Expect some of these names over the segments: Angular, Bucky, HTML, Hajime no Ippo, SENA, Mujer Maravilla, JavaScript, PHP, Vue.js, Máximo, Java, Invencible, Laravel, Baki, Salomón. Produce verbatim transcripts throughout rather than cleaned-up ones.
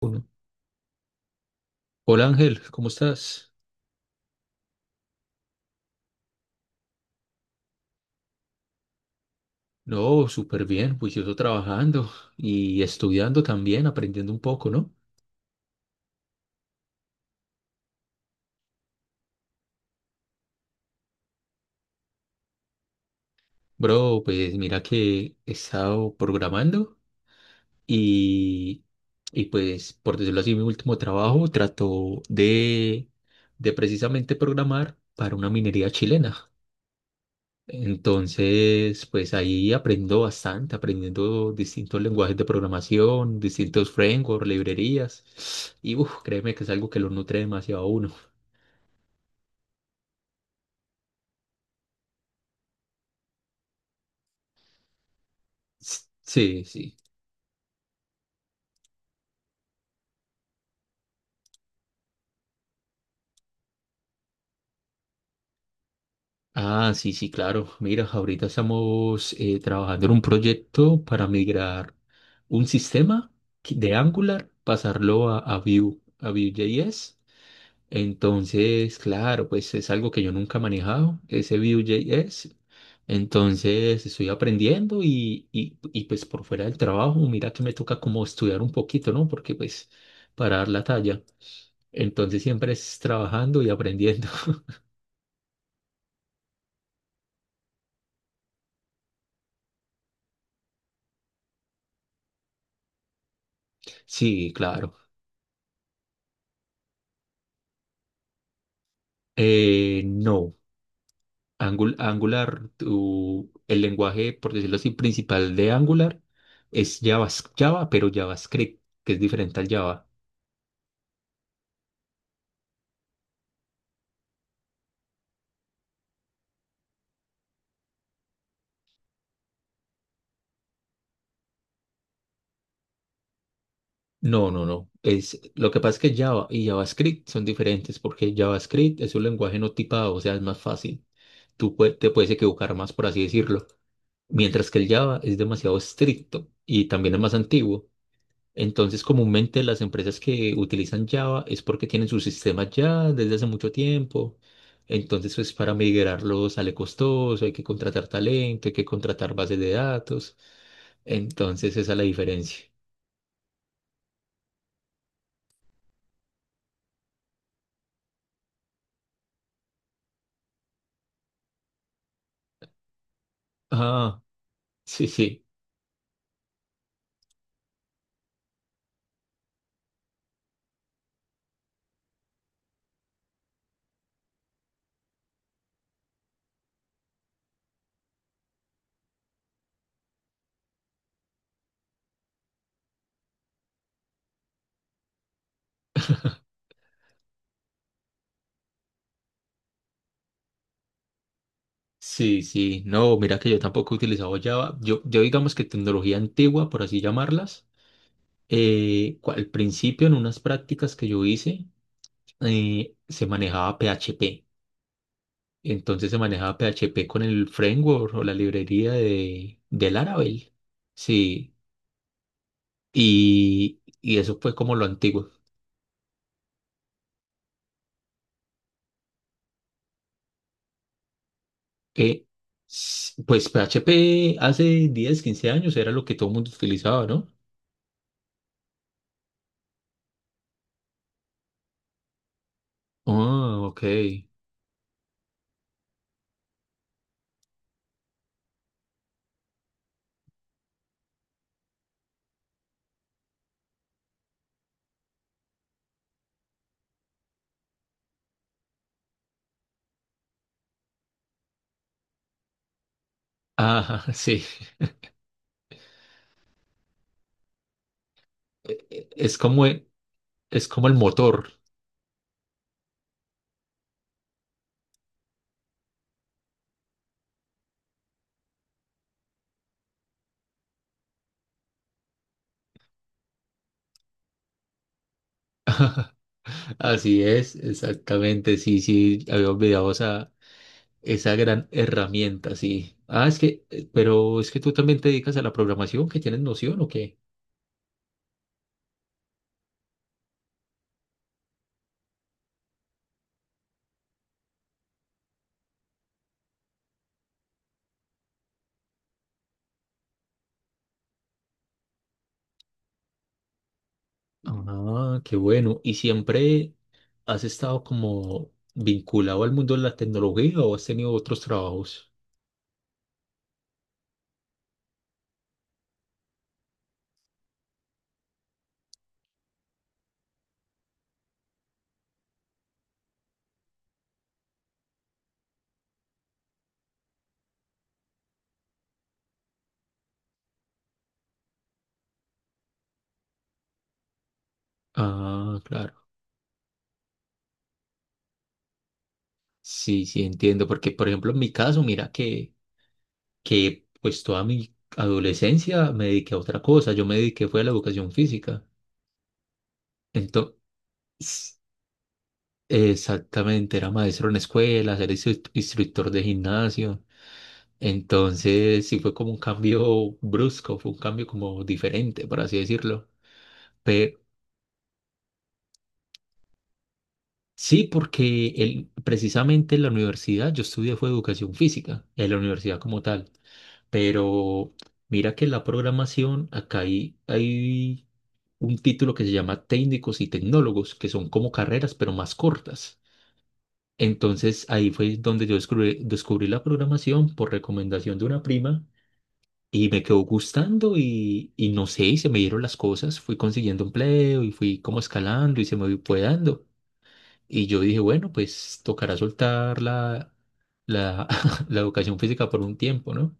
Uno. Hola Ángel, ¿cómo estás? No, súper bien, juicioso trabajando y estudiando también, aprendiendo un poco, ¿no? Bro, pues mira que he estado programando y, y pues por decirlo así, mi último trabajo trató de, de precisamente programar para una minería chilena. Entonces, pues ahí aprendo bastante, aprendiendo distintos lenguajes de programación, distintos frameworks, librerías. Y uf, créeme que es algo que lo nutre demasiado a uno. S- Sí, sí. Ah, sí, sí, claro. Mira, ahorita estamos eh, trabajando en un proyecto para migrar un sistema que- de Angular, pasarlo a, a Vue, a Vue.js. Entonces, claro, pues es algo que yo nunca he manejado, ese Vue.js. Entonces, estoy aprendiendo y, y, y pues por fuera del trabajo, mira que me toca como estudiar un poquito, ¿no? Porque pues para dar la talla. Entonces, siempre es trabajando y aprendiendo. Sí, claro. Eh, no, Angul- Angular, tu- el lenguaje, por decirlo así, principal de Angular es Javas- Java, pero JavaScript, que es diferente al Java. No, no, no. Es, lo que pasa es que Java y JavaScript son diferentes porque JavaScript es un lenguaje no tipado, o sea, es más fácil. Tú pue- te puedes equivocar más, por así decirlo. Mientras que el Java es demasiado estricto y también es más antiguo. Entonces, comúnmente las empresas que utilizan Java es porque tienen sus sistemas ya desde hace mucho tiempo. Entonces, pues para migrarlos sale costoso, hay que contratar talento, hay que contratar bases de datos. Entonces, esa es la diferencia. Ah, sí, sí. Sí, sí, no, mira que yo tampoco he utilizado Java. Yo, yo digamos que tecnología antigua, por así llamarlas, eh, cu- al principio en unas prácticas que yo hice eh, se manejaba P H P. Entonces se manejaba P H P con el framework o la librería de, de Laravel. Sí, y, y eso fue como lo antiguo. Eh, s- pues P H P hace diez, quince años era lo que todo el mundo utilizaba, ¿no? Ah, ok. Ah, sí. E- e- Es como, e, es como el motor. Así es, exactamente. Sí, sí, había olvidado esa, esa gran herramienta, sí. Ah, es que, eh, pero es que tú también te dedicas a la programación, que tienes noción o qué. Ah, qué bueno. ¿Y siempre has estado como vinculado al mundo de la tecnología o has tenido otros trabajos? Ah, claro. Sí, sí, entiendo. Porque, por ejemplo, en mi caso, mira que, que pues toda mi adolescencia me dediqué a otra cosa. Yo me dediqué fue a la educación física. Ento- S- Exactamente, era maestro en escuelas, era instru- instructor de gimnasio. Entonces, sí fue como un cambio brusco, fue un cambio como diferente, por así decirlo. Pero sí, porque él, precisamente en la universidad yo estudié fue educación física, en la universidad como tal. Pero mira que la programación, acá hay, hay un título que se llama técnicos y tecnólogos, que son como carreras, pero más cortas. Entonces ahí fue donde yo descubrí, descubrí la programación por recomendación de una prima y me quedó gustando y, y no sé, y se me dieron las cosas, fui consiguiendo empleo y fui como escalando y se me fue dando. Y yo dije, bueno, pues tocará soltar la, la, la educación física por un tiempo, ¿no?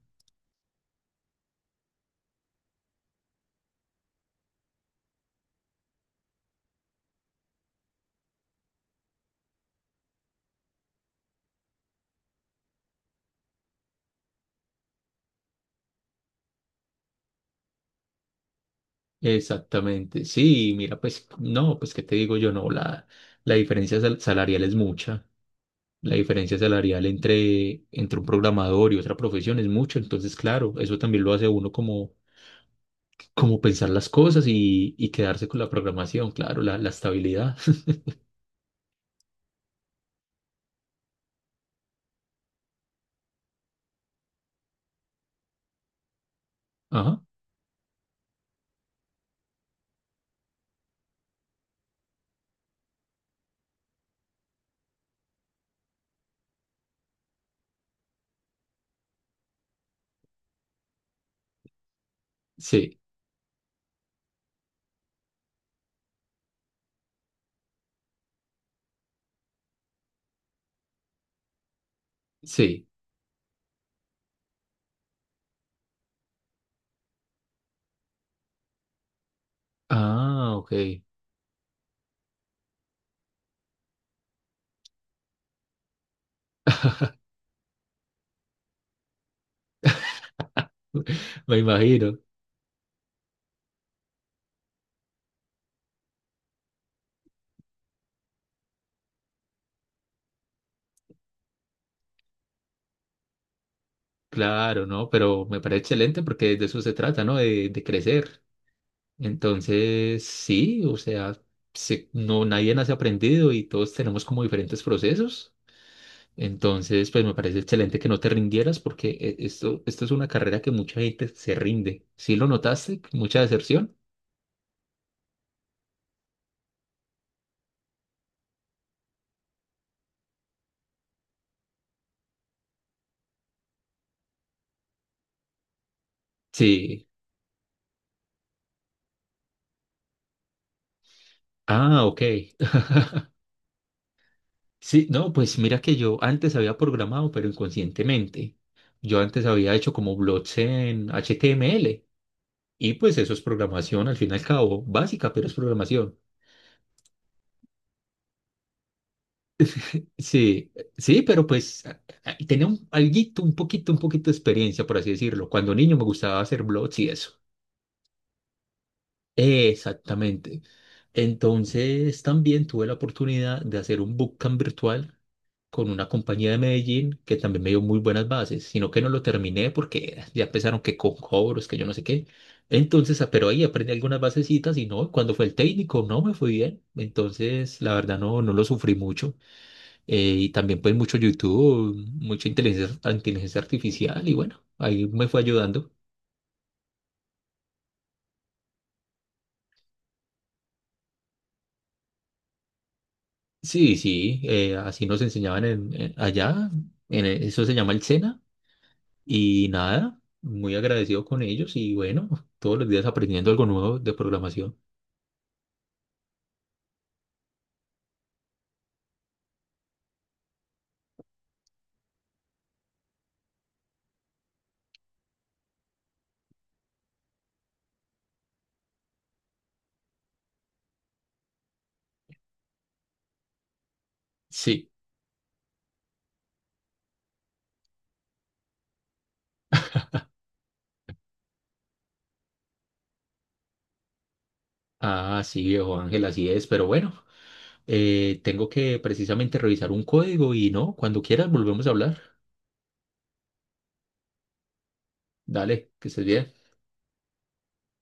Exactamente, sí, mira, pues no, pues qué te digo yo, no, la, la diferencia sal- salarial es mucha. La diferencia salarial entre, entre un programador y otra profesión es mucho, entonces claro, eso también lo hace a uno como, como pensar las cosas y, y quedarse con la programación, claro, la, la estabilidad. Ajá, sí, sí. Ah, ok. Me imagino. Claro, ¿no? Pero me parece excelente porque de eso se trata, ¿no? De, de crecer. Entonces, sí, o sea, se- no, nadie nace aprendido y todos tenemos como diferentes procesos. Entonces, pues me parece excelente que no te rindieras porque eh, esto, esto es una carrera que mucha gente se rinde. ¿Sí lo notaste? ¿Mucha deserción? Sí. Ah, ok. Sí, no, pues mira que yo antes había programado, pero inconscientemente. Yo antes había hecho como blogs en H T M L y pues eso es programación al fin y al cabo, básica, pero es programación. Sí, eh, sí, pero pues a- a- tenía un alguito, un poquito, un poquito de experiencia, por así decirlo. Cuando niño me gustaba hacer blogs y eso. Exactamente. Entonces, también tuve la oportunidad de hacer un bootcamp virtual con una compañía de Medellín que también me dio muy buenas bases, sino que no lo terminé porque ya empezaron que con cobros, que yo no sé qué. Entonces, ah, pero ahí aprendí algunas basecitas y no, cuando fue el técnico, no me fue bien. Entonces, la verdad, no, no lo sufrí mucho. Eh, y también pues mucho YouTube, mucha inteligencia, inteligencia artificial y bueno, ahí me fue ayudando. Sí, sí, eh, así nos enseñaban en, en- allá, en e- eso se llama el SENA, y nada, muy agradecido con ellos y bueno, todos los días aprendiendo algo nuevo de programación. Sí, ah, sí, viejo Ángel, así es, pero bueno, eh, tengo que precisamente revisar un código y no, cuando quieras volvemos a hablar. Dale, que estés bien.